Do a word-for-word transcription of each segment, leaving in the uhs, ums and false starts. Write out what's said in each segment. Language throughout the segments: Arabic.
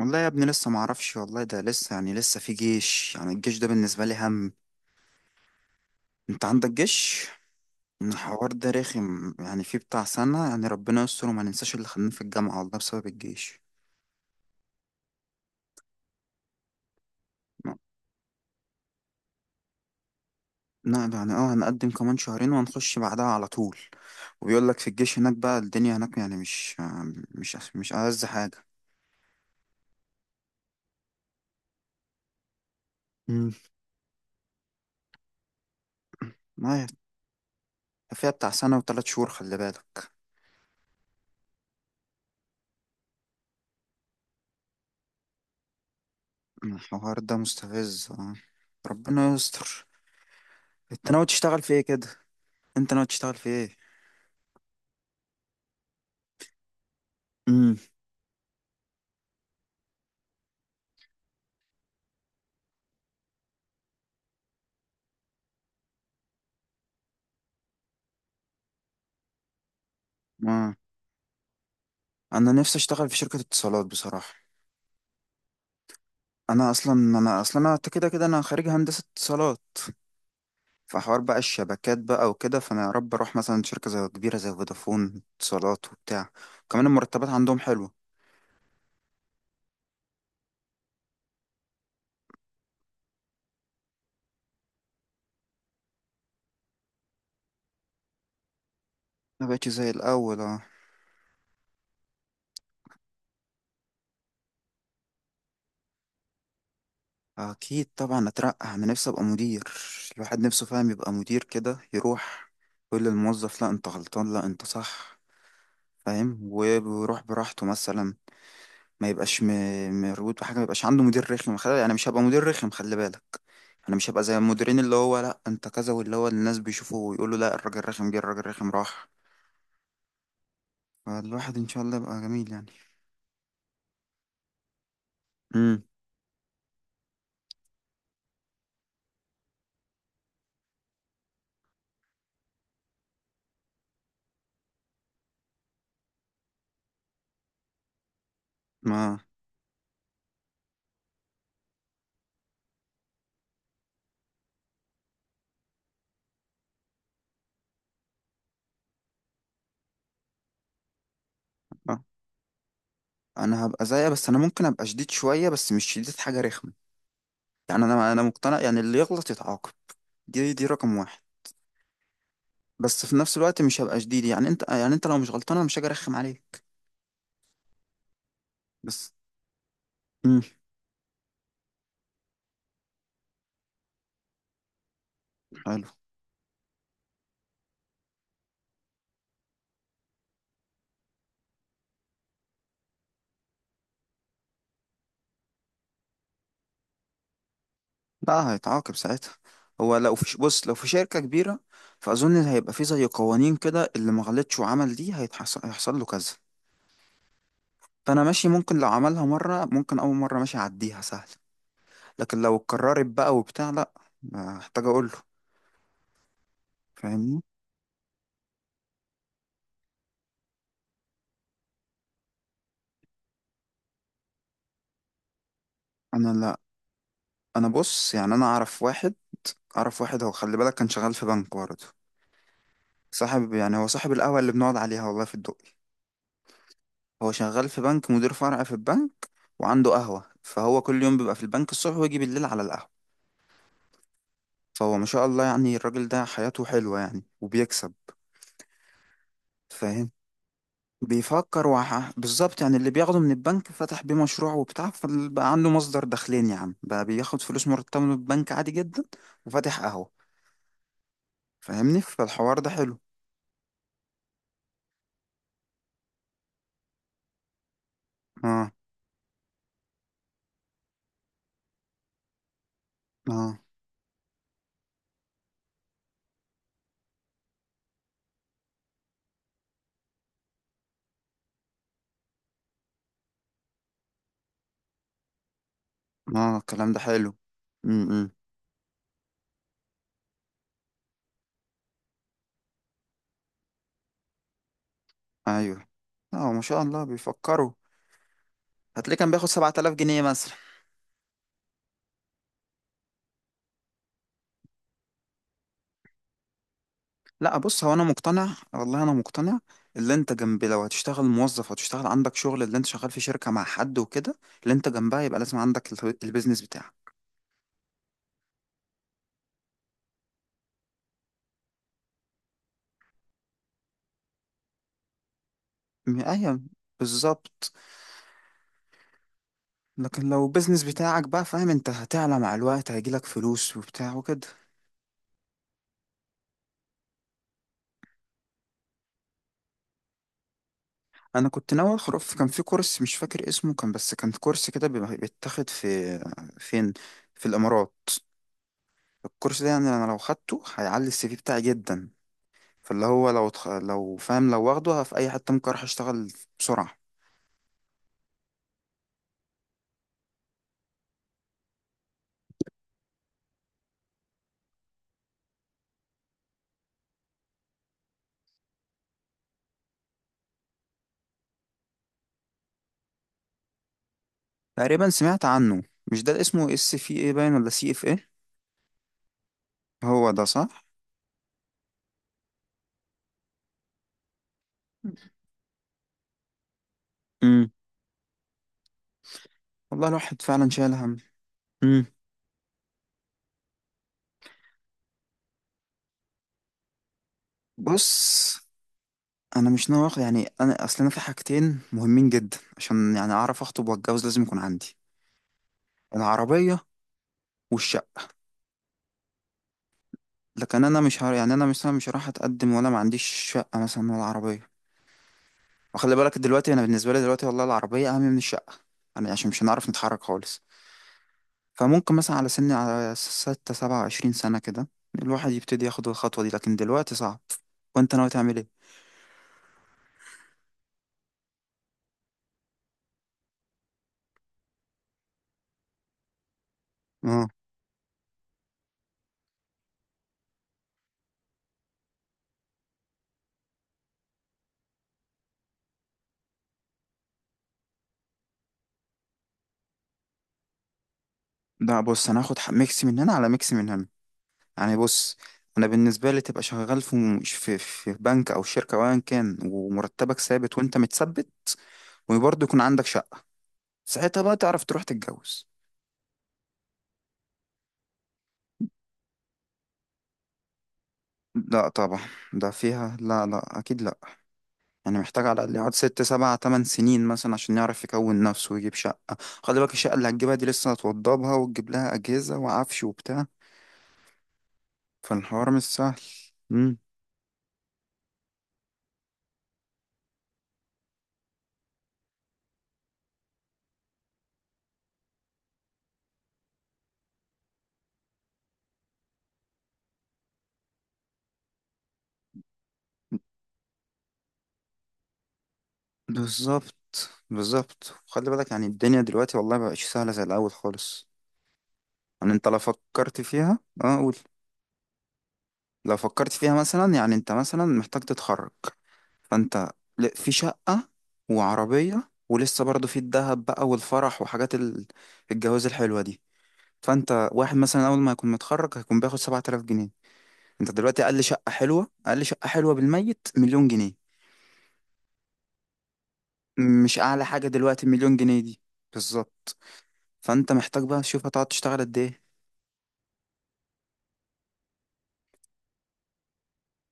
والله يا ابني لسه ما اعرفش والله، ده لسه يعني لسه في جيش. يعني الجيش ده بالنسبة لي هم. انت عندك جيش؟ الحوار ده رخم، يعني في بتاع سنة. يعني ربنا يستر وما ننساش اللي خلاني في الجامعة والله، بسبب الجيش. لا ده يعني اه هنقدم كمان شهرين وهنخش بعدها على طول. وبيقول لك في الجيش هناك بقى الدنيا هناك يعني مش مش مش ألذ حاجة. مم. ما هي- فيها بتاع سنة وثلاث شهور، خلي بالك. الحوار ده مستفز، اه. ربنا يستر. انت ناوي تشتغل في ايه كده؟ انت ناوي تشتغل في ايه؟ امم ما انا نفسي اشتغل في شركة اتصالات بصراحة. انا اصلا انا اصلا انا كده كده انا خريج هندسة اتصالات. فحوار بقى الشبكات بقى وكده، فانا يا رب اروح مثلا شركة زي كبيرة زي فودافون، اتصالات وبتاع. كمان المرتبات عندهم حلوة. ما بقتش زي الاول، اه. اكيد طبعا اترقى، انا نفسي ابقى مدير. الواحد نفسه فاهم يبقى مدير كده، يروح يقول للموظف لا انت غلطان، لا انت صح. فاهم؟ ويروح براحته مثلا، ما يبقاش م- مربوط بحاجه، ما يبقاش عنده مدير رخم. خلي، انا مش هبقى مدير رخم، خلي بالك. انا مش هبقى زي المديرين اللي هو لا انت كذا، واللي هو الناس بيشوفوا ويقولوا لا الراجل رخم جه، الراجل رخم راح. فالواحد ان شاء الله يبقى جميل يعني. امم ما آه. انا هبقى زيها، بس انا ممكن ابقى شديد شويه، بس مش شديد حاجه رخمه. يعني انا انا مقتنع، يعني اللي يغلط يتعاقب. دي دي رقم واحد. بس في نفس الوقت مش هبقى شديد، يعني انت يعني انت لو مش غلطان انا مش هاجي ارخم عليك. بس. امم حلو. لا هيتعاقب ساعتها. هو لو في ش- بص، لو في شركة كبيرة فأظن هيبقى في زي قوانين كده، اللي ما غلطش وعمل دي هيتحصل هيحصل له كذا. فأنا ماشي، ممكن لو عملها مرة، ممكن أول مرة ماشي أعديها سهل، لكن لو اتكررت بقى وبتاع لأ، محتاج أقول له. فاهمني؟ أنا لأ. أنا بص، يعني أنا أعرف واحد. أعرف واحد هو خلي بالك كان شغال في بنك برضه. صاحب، يعني هو صاحب القهوة اللي بنقعد عليها والله في الدقي. هو شغال في بنك، مدير فرع في البنك، وعنده قهوة، فهو كل يوم بيبقى في البنك الصبح، ويجي بالليل على القهوة. فهو ما شاء الله يعني الراجل ده حياته حلوة يعني، وبيكسب. فاهم؟ بيفكر وح... بالظبط. يعني اللي بياخده من البنك فتح بيه مشروع وبتاع، فبقى عنده مصدر دخلين. يا عم بقى بياخد فلوس مرتبة من البنك عادي جدا، وفاتح قهوة. فاهمني؟ فالحوار ده حلو. اه، اه، اه. الكلام ده حلو. امم ايوه. اه، ما شاء الله بيفكروا. هتلاقيه كان بياخد سبعة آلاف جنيه مثلا. لا بص، هو انا مقتنع، والله انا مقتنع. اللي انت جنب، لو هتشتغل موظف وتشتغل عندك شغل، اللي انت شغال في شركة مع حد وكده، اللي انت جنبها يبقى لازم عندك ال- البيزنس بتاعك. م- ايوه بالظبط. لكن لو البيزنس بتاعك بقى، فاهم، انت هتعلى مع الوقت هيجيلك فلوس وبتاع وكده. انا كنت ناوي ادخل أف- كان في كورس مش فاكر اسمه، كان بس كان كورس كده بيبقى بيتاخد في فين؟ في الامارات. الكورس ده يعني انا لو خدته هيعلي السي في بتاعي جدا. فاللي هو لو تخ... لو فاهم، لو واخده في اي حته ممكن اروح اشتغل بسرعه. تقريبا سمعت عنه. مش ده اللي اسمه اس في ايه باين، ولا سي اف ايه؟ هو ده صح. امم والله الواحد فعلا شايل هم. امم بص انا مش ناوي اخد، يعني انا اصل انا في حاجتين مهمين جدا، عشان يعني اعرف اخطب واتجوز لازم يكون عندي العربيه والشقه. لكن انا مش هر... يعني انا مثلا مش هروح اتقدم ولا ما عنديش شقه مثلا ولا عربيه. وخلي بالك دلوقتي انا بالنسبه لي دلوقتي والله العربيه اهم من الشقه، يعني عشان مش هنعرف نتحرك خالص. فممكن مثلا على سن على ستة سبعة وعشرين سنة كده الواحد يبتدي ياخد الخطوة دي، لكن دلوقتي صعب. وانت ناوي تعمل ايه؟ اه، لا بص انا هاخد ح- ميكس من هنا على ميكس من هنا. يعني بص، انا بالنسبة لي تبقى شغال في م- في, في بنك او شركة او ايا كان، ومرتبك ثابت وانت متثبت، وبرضه يكون عندك شقة. ساعتها بقى تعرف تروح تتجوز. لا طبعا، ده فيها لا، لا اكيد لا. يعني محتاج على الأقل يقعد ست سبع تمن سنين مثلا عشان يعرف يكون نفسه ويجيب شقة. خلي بالك الشقة اللي هتجيبها دي لسه هتوضبها وتجيب لها أجهزة وعفش وبتاع. فالحوار مش سهل. مم. بالظبط، بالظبط. خلي بالك يعني الدنيا دلوقتي والله مبقتش سهلة زي الأول خالص. يعني أنت لو فكرت فيها أه قول. لو فكرت فيها مثلا، يعني أنت مثلا محتاج تتخرج. فأنت ل- في شقة وعربية، ولسه برضه في الدهب بقى والفرح وحاجات ال- الجواز الحلوة دي. فانت واحد مثلا اول ما يكون متخرج هيكون بياخد سبعت الاف جنيه. انت دلوقتي اقل شقه حلوه، اقل شقه حلوه بالميت مليون جنيه. مش اعلى حاجه دلوقتي، مليون جنيه دي. بالظبط. فانت محتاج بقى تشوف هتقعد تشتغل قد ايه.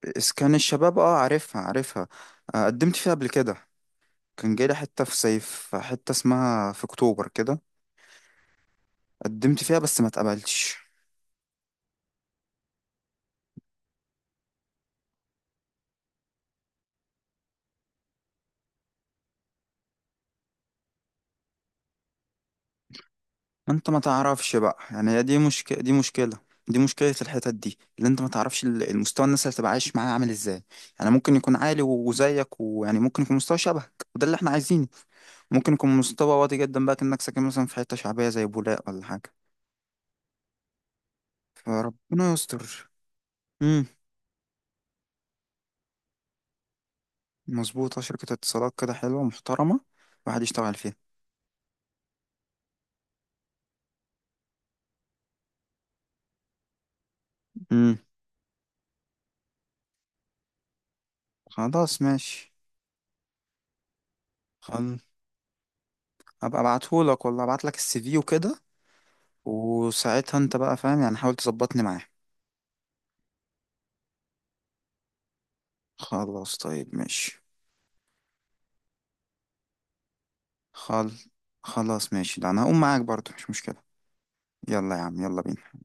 اسكان الشباب، اه عارفها، عارفها. آه، قدمت فيها قبل كده. كان جاي لي حته في صيف، حته اسمها في اكتوبر كده. قدمت فيها بس ما اتقبلتش. انت ما تعرفش بقى، يعني هي دي مشكلة. دي مشكلة، دي مشكلة الحتت دي اللي انت ما تعرفش ال- المستوى الناس اللي هتبقى عايش معاه عامل ازاي. يعني ممكن يكون عالي و- وزيك، ويعني ممكن يكون مستوى شبهك، وده اللي احنا عايزينه. ممكن يكون مستوى واطي جدا بقى، كأنك ساكن مثلا في حتة شعبية زي بولاق ولا حاجة. فربنا يستر. امم مظبوطة، شركة اتصالات كده حلوة محترمة، الواحد يشتغل فيها. امم خلاص ماشي. خل... ابقى ابعتهولك والله، ابعتلك السي في وكده، وساعتها انت بقى فاهم، يعني حاول تظبطني معاه. خلاص طيب ماشي. خل... خلاص ماشي، ده انا هقوم معاك برضه مش مشكلة. يلا يا عم، يلا بينا.